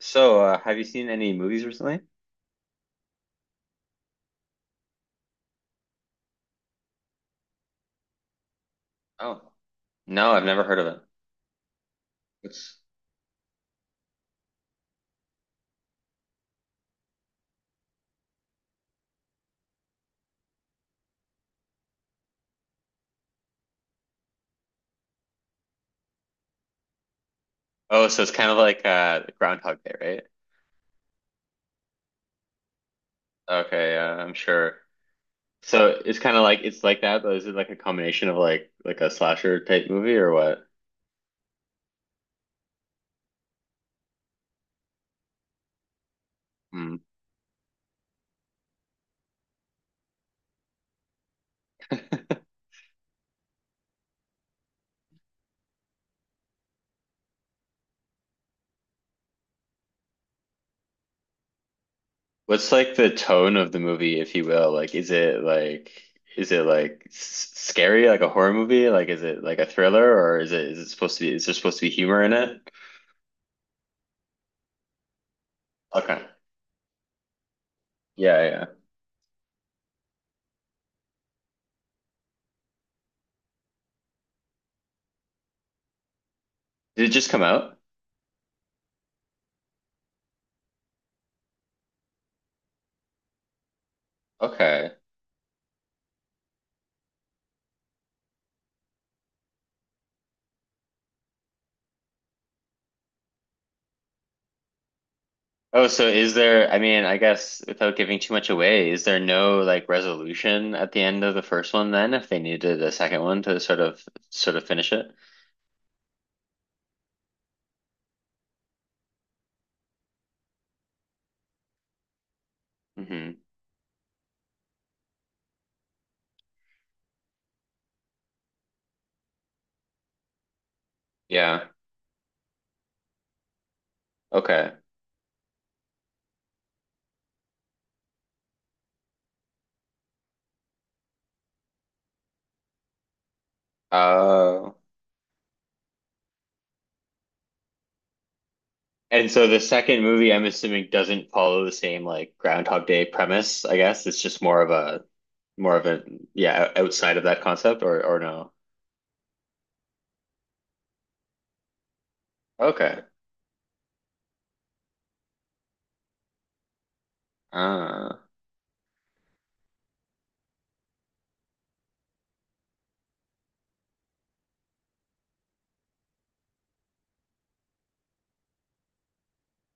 So, have you seen any movies recently? Oh, no, I've never heard of it. It's... Oh, so it's kind of like Groundhog Day, right? Okay, yeah, I'm sure. So it's kind of like it's like that, but is it like a combination of like a slasher type movie or what? Hmm. What's like the tone of the movie, if you will? Like, is it like is it like s scary, like a horror movie? Like, is it like a thriller, or is it supposed to be is there supposed to be humor in it? Okay, yeah. Did it just come out? Okay. Oh, so is there, I mean, I guess without giving too much away, is there no like resolution at the end of the first one then if they needed a second one to sort of finish it? Hmm. Yeah. Okay. Uh and so the second movie I'm assuming doesn't follow the same like Groundhog Day premise, I guess. It's just more of a yeah, outside of that concept or no. Okay. Uh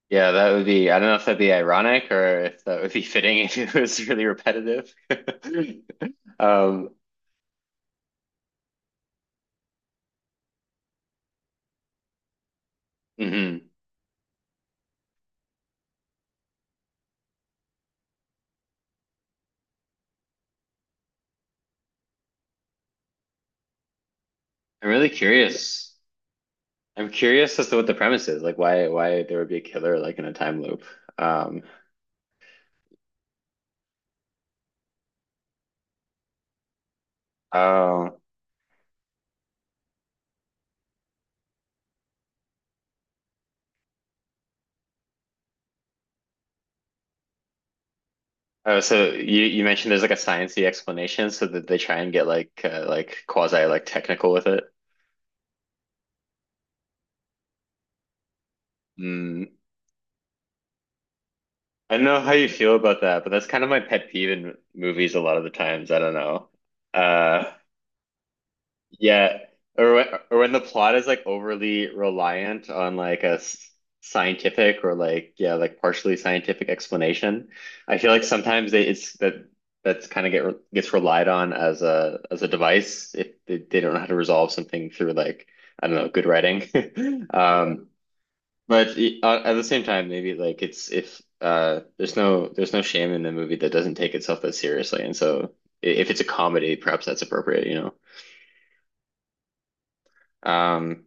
yeah, that would be I don't know if that'd be ironic or if that would be fitting if it was really repetitive. Um, mhm. I'm really curious. I'm curious as to what the premise is, like why there would be a killer like in a time loop. Um, oh, oh, so you mentioned there's like a sciencey explanation, so that they try and get like quasi like technical with it. Mm. I don't know how you feel about that, but that's kind of my pet peeve in movies a lot of the times. I don't know. Yeah, or when the plot is like overly reliant on like scientific or like yeah, like partially scientific explanation. I feel like sometimes they it's that that's kind of gets relied on as a device if they don't know how to resolve something through like I don't know, good writing. Um, but at the same time, maybe like it's if there's no shame in a movie that doesn't take itself that seriously, and so if it's a comedy, perhaps that's appropriate, Um,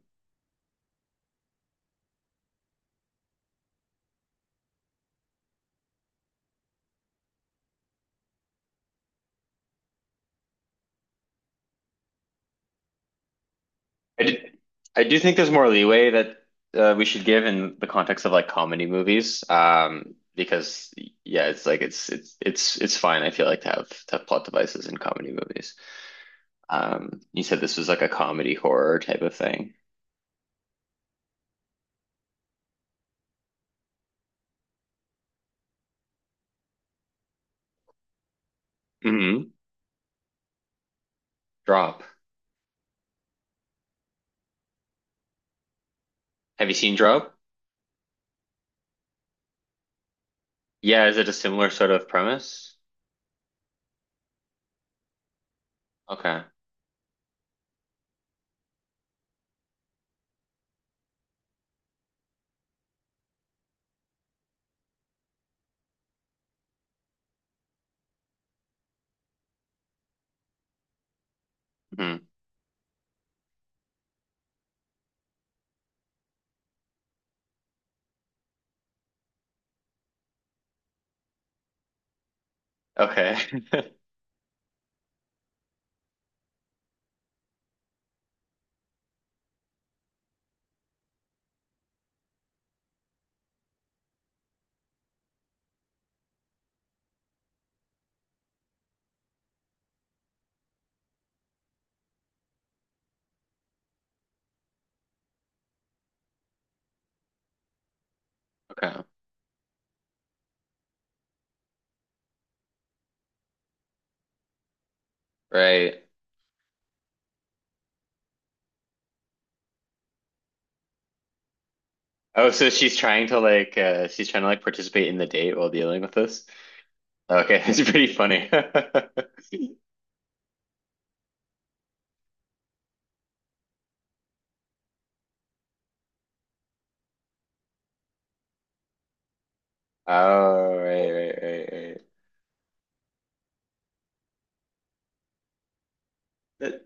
I do, I do think there's more leeway that we should give in the context of like comedy movies, because yeah, it's like it's fine. I feel like to have plot devices in comedy movies. You said this was like a comedy horror type of thing. Hmm. Drop. Have you seen Drop? Yeah, is it a similar sort of premise? Okay. Hmm. Okay. Okay. Right. Oh, so she's trying to like she's trying to like participate in the date while dealing with this. Okay, it's pretty funny. Oh, right, right, right, right. That,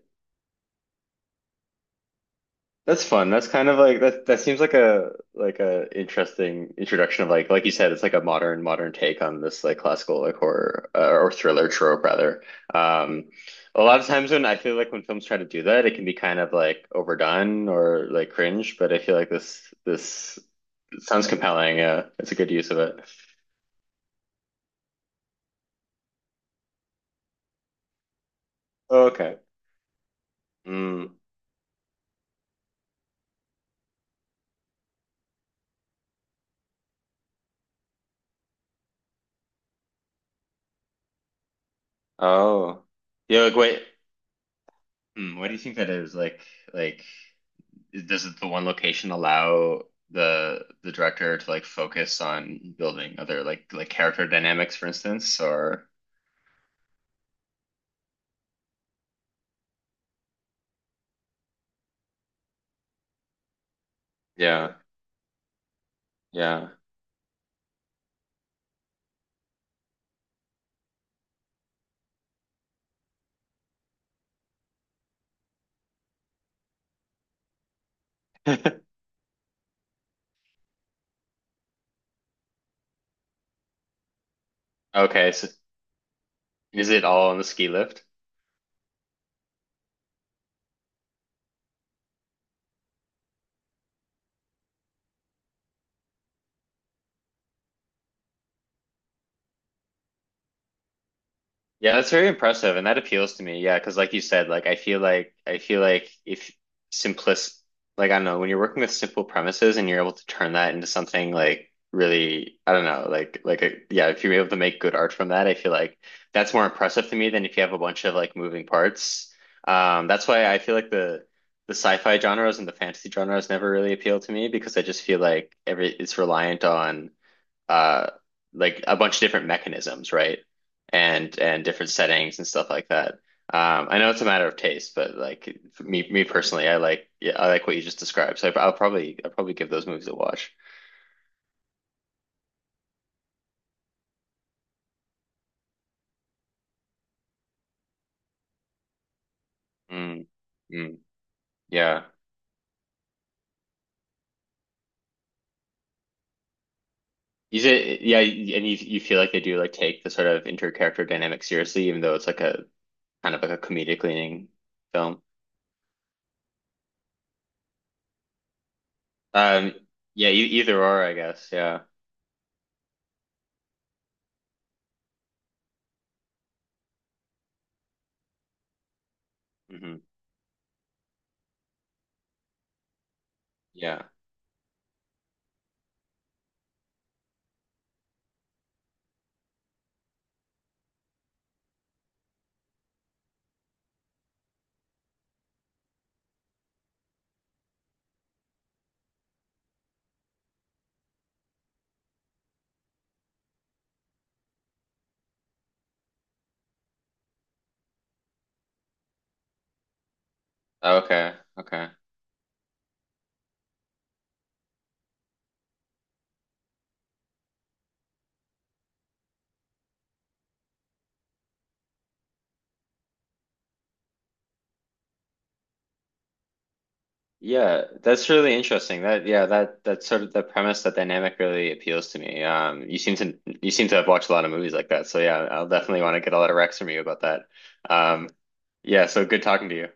that's fun. That's kind of like that. That seems like a interesting introduction of like you said, it's like a modern take on this like classical like horror or thriller trope rather. Um, a lot of times when I feel like when films try to do that, it can be kind of like overdone or like cringe. But I feel like this sounds compelling. Yeah, it's a good use of it. Oh, okay. Mm. Oh. Yeah. Like, wait. Hmm, what do you think that is? Like like. Does the one location allow the director to like focus on building other like character dynamics, for instance, or yeah, yeah. Okay, so is it all on the ski lift? Yeah, that's very impressive, and that appeals to me. Yeah, because like you said, like I feel like if simplis, like I don't know, when you're working with simple premises and you're able to turn that into something like really, I don't know, like a, yeah, if you're able to make good art from that, I feel like that's more impressive to me than if you have a bunch of like moving parts. That's why I feel like the sci-fi genres and the fantasy genres never really appeal to me because I just feel like every it's reliant on uh like a bunch of different mechanisms, right? And different settings and stuff like that. I know it's a matter of taste, but like for me personally, I like yeah, I like what you just described. So I'll probably give those movies a watch. Mm, mm, yeah. Is it yeah, and you feel like they do like take the sort of inter-character dynamic seriously, even though it's like a kind of like a comedic leaning film. Um, yeah, e either or, I guess. Yeah. Hmm. Yeah. Oh, okay. Okay. Yeah, that's really interesting. That yeah, that that sort of the premise, that dynamic really appeals to me. You seem to have watched a lot of movies like that. So yeah, I'll definitely want to get a lot of recs from you about that. Um, yeah, so good talking to you.